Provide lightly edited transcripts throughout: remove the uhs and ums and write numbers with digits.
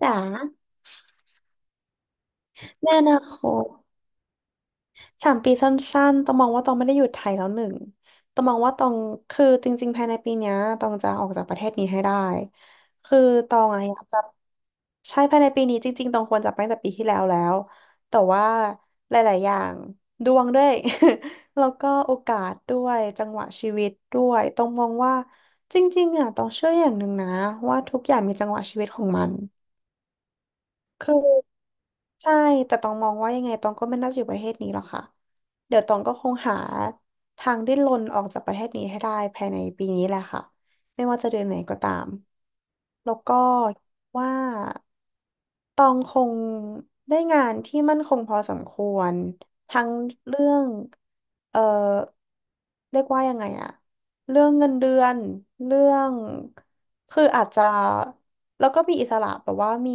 จ๋าในอนาคต3 ปีสั้นๆต้องมองว่าตองไม่ได้อยู่ไทยแล้วหนึ่งต้องมองว่าตองคือจริงๆภายในปีเนี้ยตองจะออกจากประเทศนี้ให้ได้คือตองอะอยากจะใช่ภายในปีนี้จริงๆตองควรจะไปตั้งแต่ปีที่แล้วแล้วแต่ว่าหลายๆอย่างดวงด้วย แล้วก็โอกาสด้วยจังหวะชีวิตด้วยตองมองว่าจริงๆอะตองเชื่ออย่างหนึ่งนะว่าทุกอย่างมีจังหวะชีวิตของมัน คือใช่แต่ตองมองว่ายังไงตองก็ไม่น่าจะอยู่ประเทศนี้หรอกค่ะเดี๋ยวตองก็คงหาทางดิ้นรนออกจากประเทศนี้ให้ได้ภายในปีนี้แหละค่ะไม่ว่าจะเดือนไหนก็ตามแล้วก็ว่าตองคงได้งานที่มั่นคงพอสมควรทั้งเรื่องเอ่อเรียกว่ายังไงอะเรื่องเงินเดือนเรื่องคืออาจจะ แล้วก็มีอิสระแบบว่ามี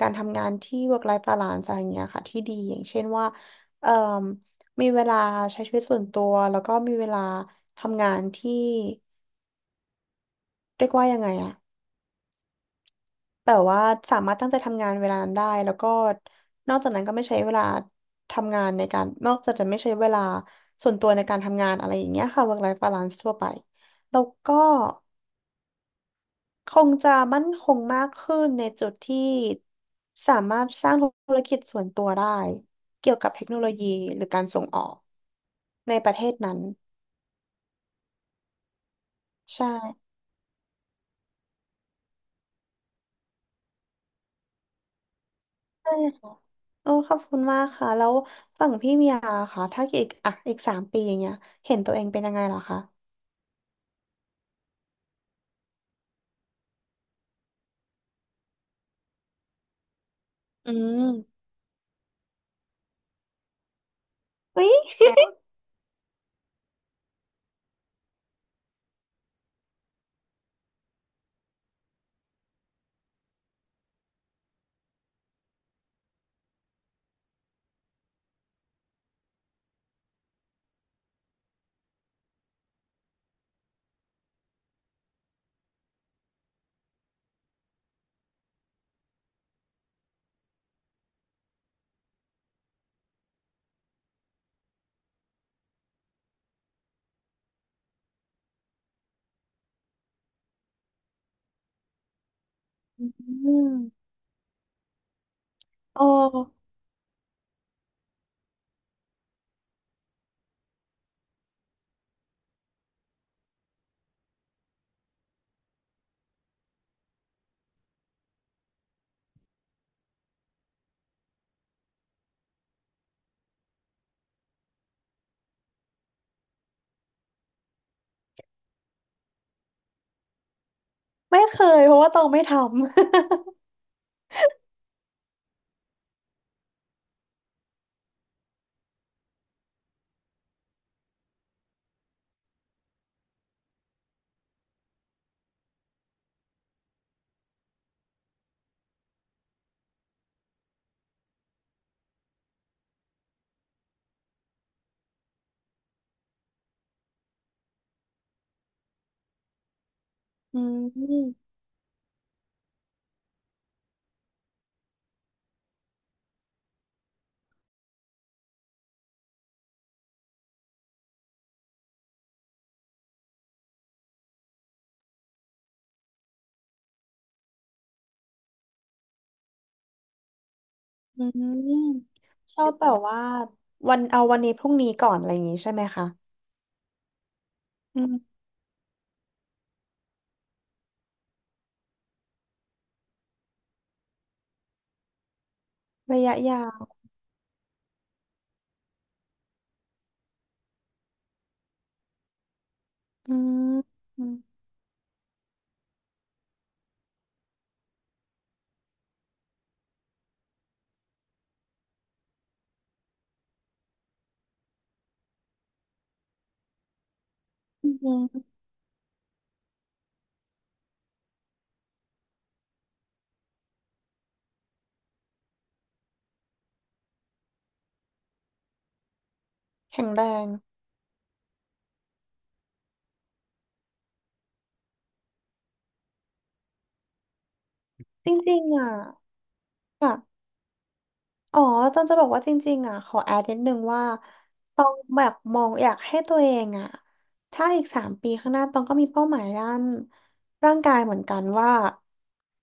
การทำงานที่ work life balance อะไรอย่างเงี้ยค่ะที่ดีอย่างเช่นว่าเอ่อมีเวลาใช้ชีวิตส่วนตัวแล้วก็มีเวลาทำงานที่เรียกว่ายังไงอะแบบว่าสามารถตั้งใจทำงานเวลานั้นได้แล้วก็นอกจากนั้นก็ไม่ใช้เวลาทำงานในการนอกจากจะไม่ใช้เวลาส่วนตัวในการทำงานอะไรอย่างเงี้ยค่ะ work life balance ทั่วไปแล้วก็ คงจะมั่นคงมากขึ้นในจุดที่สามารถสร้างธุรกิจส่วนตัวได้เกี่ยวกับเทคโนโลยีหรือการส่งออกในประเทศนั้นใช่ใช่ค่ะโอ้ขอบคุณมากค่ะแล้วฝั่งพี่เมียค่ะถ้าอีกอ่ะอีกสามปีอย่างเงี้ยเห็นตัวเองเป็นยังไงเหรอคะอืมเฮ้ยอืมโอ้ไม่เคยเพราะว่าตองไม่ทำ อืม อืมชอบแบบว่าวันเอาวันนี้พรุ่งนี้ก่อนอะไรอย่างงี้ใช่ไหมคะอืมระยะยาวอืมอืมอืมแข็งแรงจริงๆอ่ะอ่ะอ๋อตอนจะบอกว่าจริงๆอ่ะขอแอดนิดนึงว่าตองแบบมองอยากให้ตัวเองอ่ะถ้าอีกสามปีข้างหน้าตองก็มีเป้าหมายด้านร่างกายเหมือนกันว่า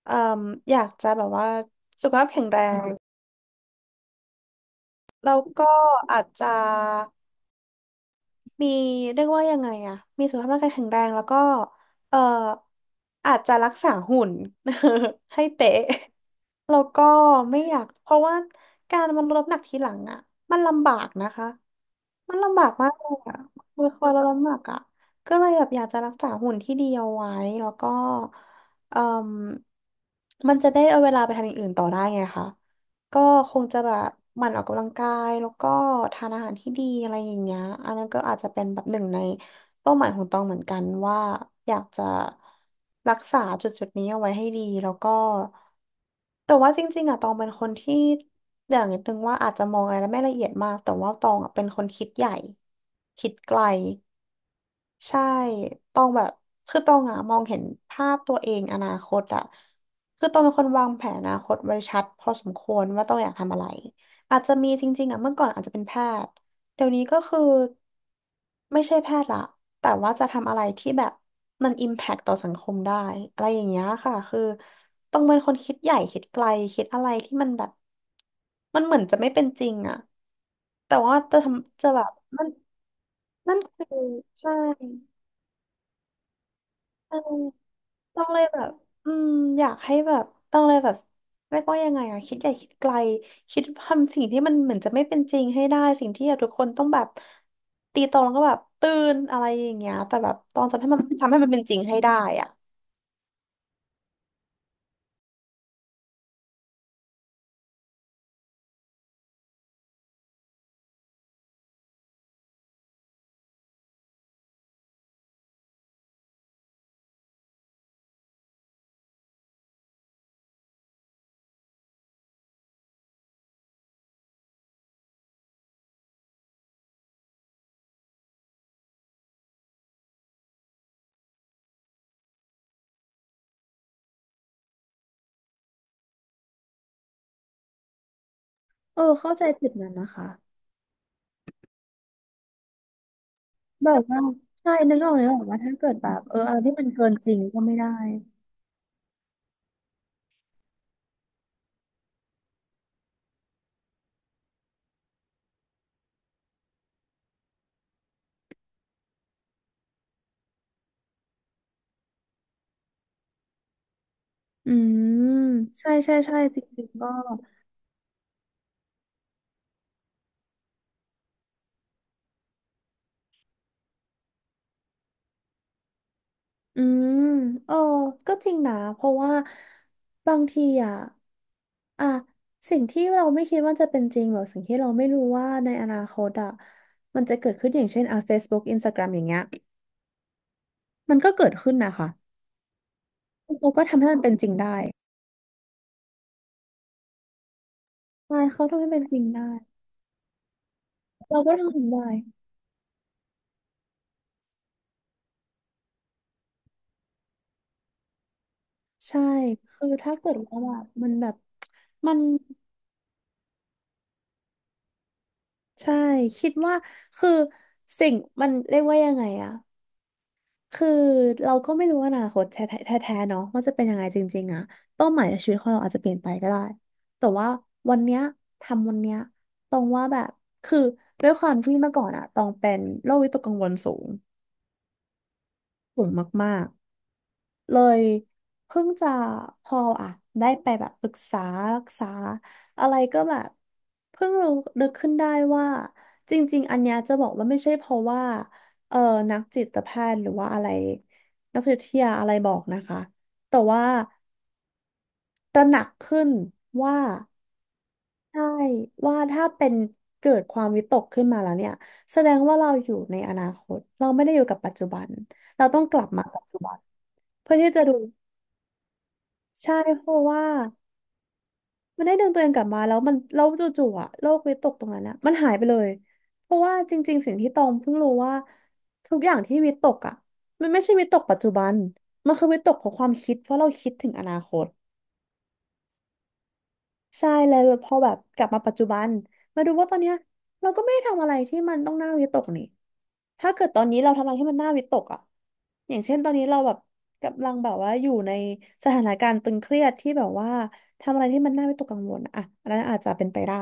เอ่มอยากจะแบบว่าสุขภาพแข็งแรงแล้วก็อาจจะ มีเรียกว่ายังไงอะมีสุขภาพร่างกายแข็งแรงแล้วก็เอ่ออาจจะรักษาหุ่น ให้เป๊ะแล้วก็ไม่อยากเพราะว่าการมันลดน้ำหนักทีหลังอะมันลำบากนะคะ มันลำบากมากเลยอ่ะคือคอยลดน้ำหนักอ่ะก็เลยแบบอยากจะรักษาหุ่นที่ดีเอาไว้แล้วก็เอ่มมันจะได้เอาเวลาไปทำอย่างอื่นต่อได้ไงคะก็คงจะแบบหมั่นออกกำลังกายแล้วก็ทานอาหารที่ดีอะไรอย่างเงี้ยอันนั้นก็อาจจะเป็นแบบหนึ่งในเป้าหมายของตองเหมือนกันว่าอยากจะรักษาจุดจุดนี้เอาไว้ให้ดีแล้วก็แต่ว่าจริงๆอะตองเป็นคนที่ เดี๋ยวนิดนึงว่าอาจจะมองอะไรไม่ละเอียดมากแต่ว่าตองอะเป็นคนคิดใหญ่คิดไกลใช่ตองแบบคือตองอ่ะมองเห็นภาพตัวเองอนาคตอ่ะคือตองเป็นคนวางแผนอนาคตไว้ชัดพอสมควรว่าตองอยากทำอะไรอาจจะมีจริงๆอ่ะเมื่อก่อนอาจจะเป็นแพทย์เดี๋ยวนี้ก็คือ ไม่ใช่แพทย์ละแต่ว่าจะทำอะไรที่แบบมันอิมแพคต่อสังคมได้อะไรอย่างเงี้ยค่ะ คือต้องเป็นคนคิดใหญ่คิดไกลคิดอะไรที่มันแบบมันเหมือนจะไม่เป็นจริงอะแต่ว่าจะทำจะแบบมันนั่นคือใช่ใช่ ต้องเลยแบบอืมอยากให้แบบต้องเลยแบบเรียกว่ายังไงอะคิดใหญ่คิดไกลคิดทำสิ่งที่มันเหมือนจะไม่เป็นจริงให้ได้สิ่งที่แบบทุกคนต้องแบบตีตรงแล้วก็แบบตื่นอะไรอย่างเงี้ยแต่แบบต้องทำให้มันเป็นจริงให้ได้อ่ะเออเข้าใจจุดนั้นนะคะแบบว่าใช่นึกออกว่าถ้าเกิดแบบเอออะไรที่มันเกินจริงก็ไม่ได้อืมใช่จริงๆก็ อืมเออก็จริงนะเพราะว่าบางทีอ่ะอ่ะสิ่งที่เราไม่คิดว่าจะเป็นจริงหรือสิ่งที่เราไม่รู้ว่าในอนาคตอ่ะมันจะเกิดขึ้นอย่างเช่นอ่ะ Facebook Instagram อย่างเงี้ยมันก็เกิดขึ้นนะคะเราก็ทำให้มันเป็นจริงได้ใช่เขาทำให้เป็นจริงได้เราก็ทำถึงได้ใช่คือถ้าเกิดว่าแบบมันแบบมันใช่คิดว่าคือสิ่งมันเรียกว่ายังไงอะ คือเราก็ไม่รู้อนาคตแท้ๆแท้ๆเนาะว่าจะเป็นยังไงจริงๆอะเป้าหมายในชีวิตของเราอาจจะเปลี่ยนไปก็ได้แต่ว่าวันเนี้ยทำวันเนี้ยตรงว่าแบบคือด้วยความที่เมื่อก่อนอะตองเป็นโรควิตกกังวลสูง สูงมากๆ เลยเพิ่งจะพออ่ะได้ไปแบบปรึกษารักษาอะไรก็แบบเพิ่งรู้นึกขึ้นได้ว่าจริงๆ อันเนี้ยจะบอกว่าไม่ใช่เพราะว่าเออนักจิตแพทย์หรือว่าอะไรนักจิตวิทยาอะไรบอกนะคะแต่ว่าตระหนักขึ้นว่าใช่ว่าถ้าเป็นเกิดความวิตกขึ้นมาแล้วเนี่ยแสดงว่าเราอยู่ในอนาคตเราไม่ได้อยู่กับปัจจุบันเราต้องกลับมาปัจจุบัน เพื่อที่จะดูใช่เพราะว่ามันได้ดึงตัวเองกลับมาแล้วมันเราจู่ๆอะโลกวิตกตรงนั้นอะมันหายไปเลยเพราะว่าจริงๆสิ่งที่ตองเพิ่งรู้ว่าทุกอย่างที่วิตกอะมันไม่ใช่วิตกปัจจุบันมันคือวิตกของความคิดเพราะเราคิดถึงอนาคต ใช่เลยพอแบบกลับมาปัจจุบันมาดูว่าตอนเนี้ยเราก็ไม่ได้ทำอะไรที่มันต้องน่าวิตกนี่ถ้าเกิดตอนนี้เราทำอะไรที่มันน่าวิตกอ่ะอย่างเช่นตอนนี้เราแบบกำลังแบบว่าอยู่ในสถานการณ์ตึงเครียดที่แบบว่าทำอะไรที่มันน่าวิตกกังวลอะอ่ะอันนั้นอาจจะเป็นไปได้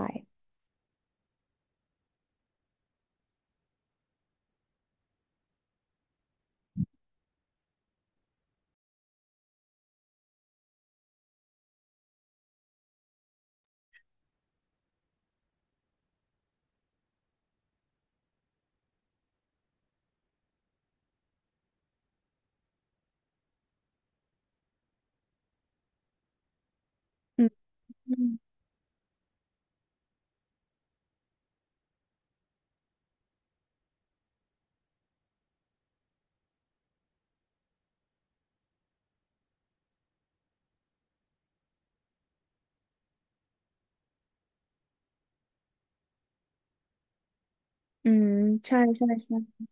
อืมอืมอืมใช่ใช่ใช่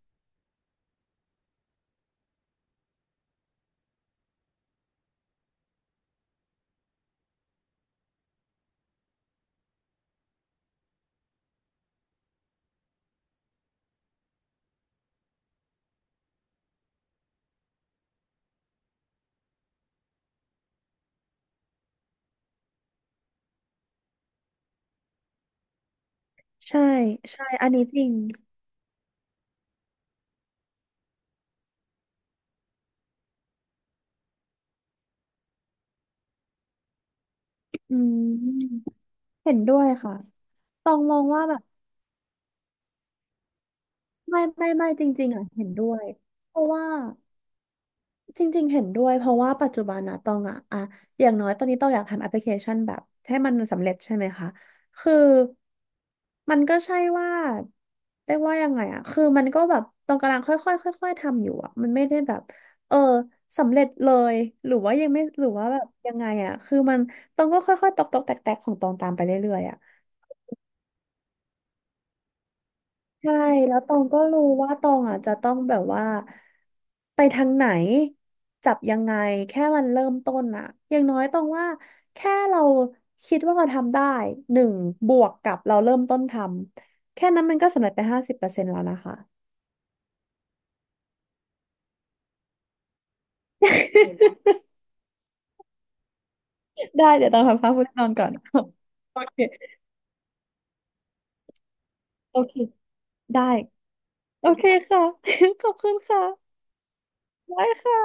ใช่ใช่อันนี้จริงอืมเห็นด้วยค่ะตองมองว่าแบบไม่ไม่ไม่จริงๆอ่ะเห็นด้วยเพราะว่า จริงๆเห็นด้วยเพราะว่าปัจจุบันนะตองอย่างน้อยตอนนี้ตองอยากทำแอปพลิเคชันแบบให้มันสำเร็จใช่ไหมคะคือมันก็ใช่ว่าเรียกว่ายังไงอะคือมันก็แบบตองกำลังค่อยๆค่อยๆทำอยู่อะมันไม่ได้แบบเออสำเร็จเลยหรือว่ายังไม่หรือว่าแบบยังไงอะคือมันตองก็ค่อยๆตอกๆแตกๆของตองตามไปเรื่อยๆอะ ใช่แล้วตองก็รู้ว่าตองอ่ะจะต้องแบบว่าไปทางไหนจับยังไงแค่มันเริ่มต้นอ่ะอย่างน้อยตองว่าแค่เราคิดว่าเราทำได้หนึ่งบวกกับเราเริ่มต้นทำแค่นั้นมันก็สำเร็จไป50%แล้วนะคะ ได้เดี๋ยวตองพักผ่อนนอนก่อน โอเคโอเคได้โอเคค่ะ ขอบคุณค่ะได้ค่ะ